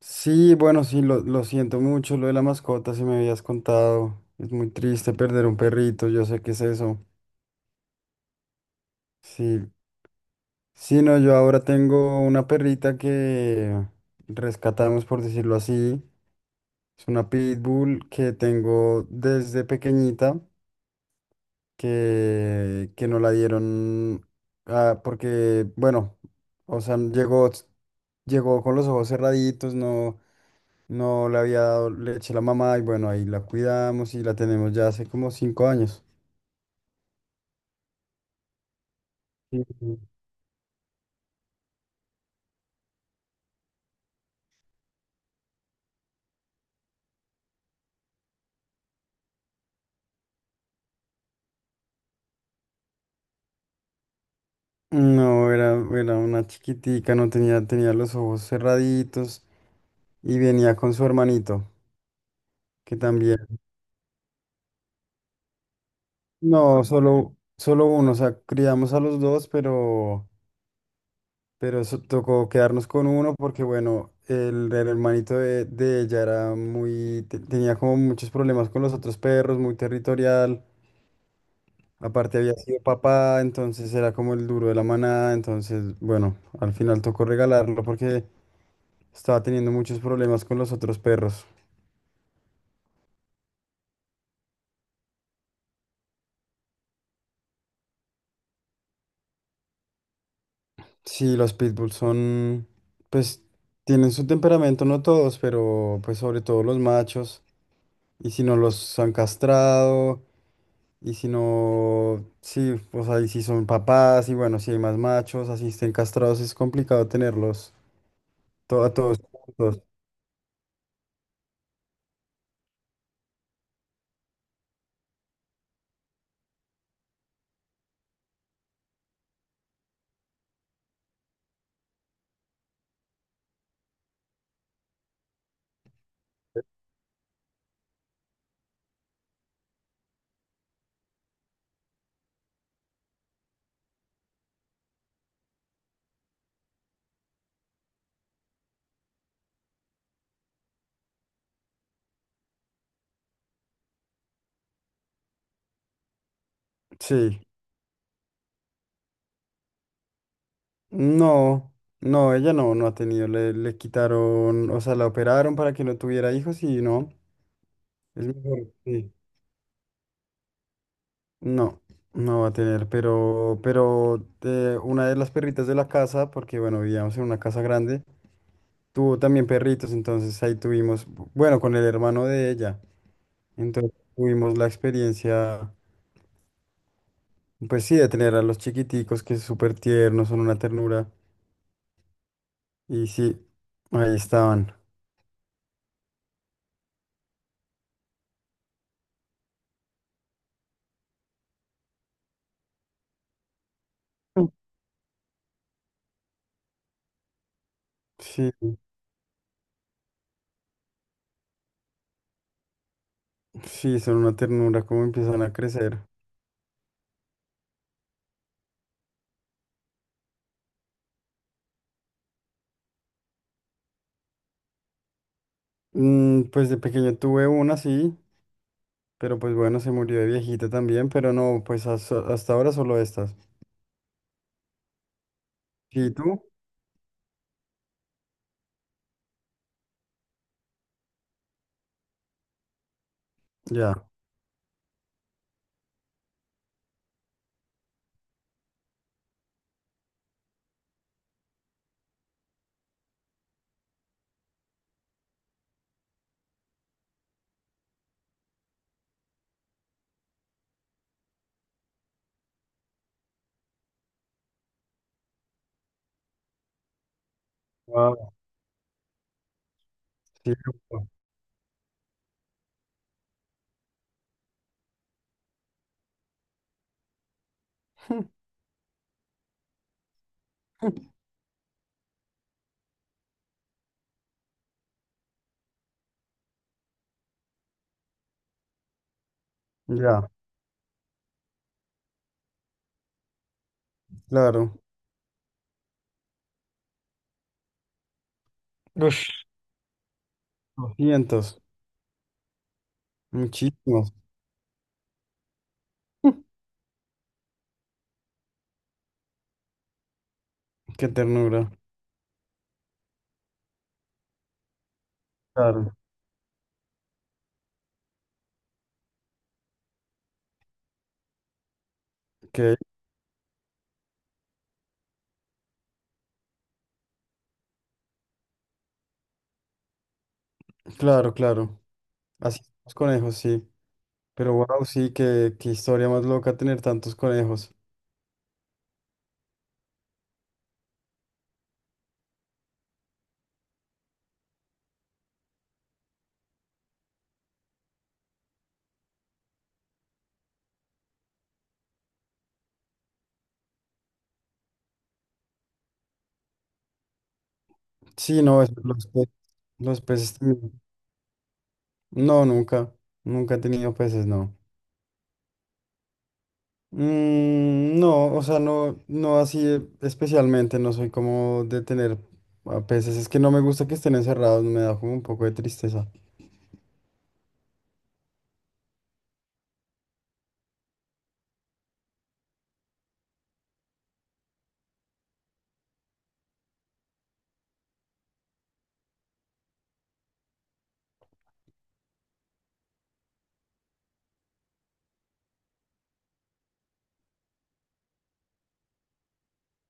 Sí, bueno, sí, lo siento mucho, lo de la mascota, si me habías contado. Es muy triste perder un perrito, yo sé qué es eso. Sí, sí, no, yo ahora tengo una perrita que rescatamos, por decirlo así. Es una pitbull que tengo desde pequeñita, que nos la dieron porque, bueno, o sea, llegó con los ojos cerraditos, no. No le había dado leche a la mamá y bueno, ahí la cuidamos y la tenemos ya hace como 5 años. Ujú. No, era una chiquitica, no tenía, tenía los ojos cerraditos y venía con su hermanito, que también. No, solo uno, o sea, criamos a los dos, pero eso tocó quedarnos con uno porque, bueno, el hermanito de ella era muy, tenía como muchos problemas con los otros perros, muy territorial. Aparte había sido papá, entonces era como el duro de la manada, entonces, bueno, al final tocó regalarlo porque estaba teniendo muchos problemas con los otros perros. Sí, los pitbulls son, pues, tienen su temperamento, no todos, pero pues sobre todo los machos. Y si no los han castrado, y si no, sí, o sea, y si son papás, y bueno, si hay más machos, así estén castrados, es complicado tenerlos a todos juntos. Sí. No, no, ella no, no ha tenido, le quitaron, o sea, la operaron para que no tuviera hijos y no, es mejor, sí. No, no va a tener, pero una de las perritas de la casa, porque bueno, vivíamos en una casa grande, tuvo también perritos, entonces ahí tuvimos, bueno, con el hermano de ella, entonces tuvimos la experiencia, pues sí, de tener a los chiquiticos que es súper tiernos, son una ternura, y sí, ahí estaban. Sí. Sí, son una ternura, cómo empiezan a crecer. Pues de pequeño tuve una, sí, pero pues bueno, se murió de viejita también, pero no, pues hasta ahora solo estas. ¿Y tú? Ya. Wow. Sí, opa. Ya, claro. Ush. 200, muchísimos. Qué ternura. Claro, que, claro, claro. Así son los conejos, sí. Pero wow, sí, qué historia más loca tener tantos conejos. Sí, no, los peces también. No, nunca. Nunca he tenido peces, no. No, o sea, no, no así especialmente, no soy como de tener a peces. Es que no me gusta que estén encerrados, me da como un poco de tristeza.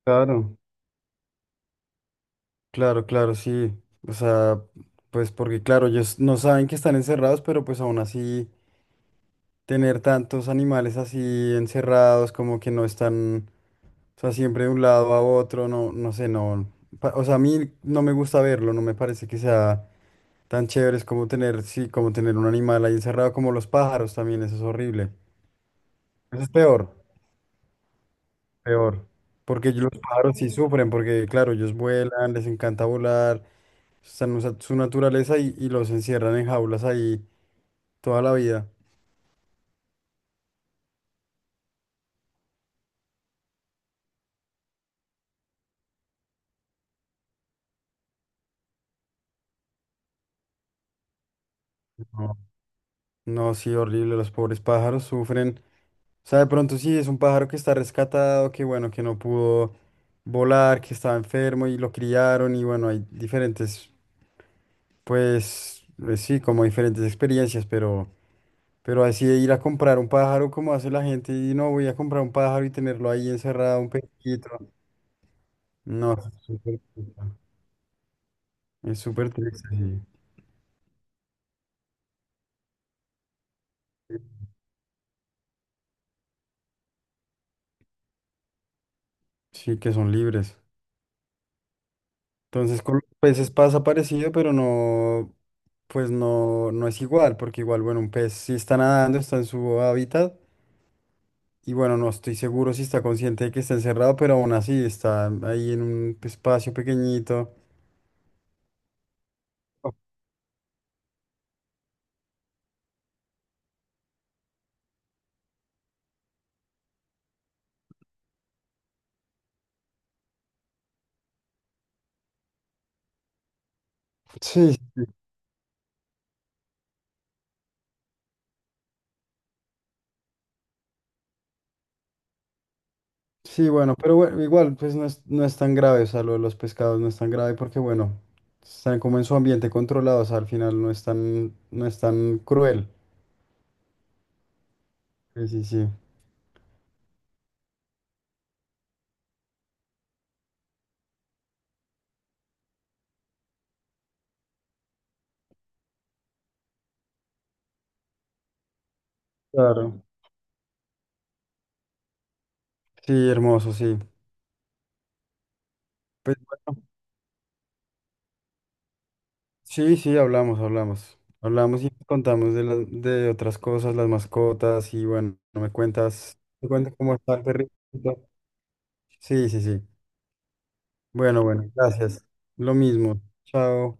Claro, claro, claro, sí. O sea, pues porque claro, ellos no saben que están encerrados, pero pues aún así tener tantos animales así encerrados, como que no están, o sea, siempre de un lado a otro, no, no sé, no. O sea, a mí no me gusta verlo, no me parece que sea. Tan chévere es como tener, sí, como tener un animal ahí encerrado como los pájaros también, eso es horrible. Eso es peor, peor. Porque los pájaros sí sufren, porque claro, ellos vuelan, les encanta volar, están en su naturaleza y los encierran en jaulas ahí toda la vida. No, no, sí, horrible, los pobres pájaros sufren. O sea, de pronto sí, es un pájaro que está rescatado, que bueno, que no pudo volar, que estaba enfermo y lo criaron y bueno, hay diferentes, sí, como diferentes experiencias, pero... Pero así de ir a comprar un pájaro como hace la gente y no voy a comprar un pájaro y tenerlo ahí encerrado un poquito. No, es súper triste. Es súper triste, sí. Sí, que son libres. Entonces con los peces pasa parecido, pero no, pues no, no es igual, porque igual, bueno, un pez sí está nadando, está en su hábitat y bueno, no estoy seguro si está consciente de que está encerrado, pero aún así está ahí en un espacio pequeñito. Sí, sí, bueno, pero bueno, igual pues no es, no es tan grave, o sea, lo de los pescados no es tan grave porque bueno, están como en su ambiente controlado, o sea, al final no es tan, no es tan cruel. Sí, sí, sí. Claro. Sí, hermoso, sí. Pues bueno, sí, sí, hablamos, hablamos. Hablamos y contamos de, de otras cosas, las mascotas y bueno, no me cuentas, me cuentas cómo está el perrito. Sí, sí, sí. Bueno, bueno, gracias. Lo mismo. Chao.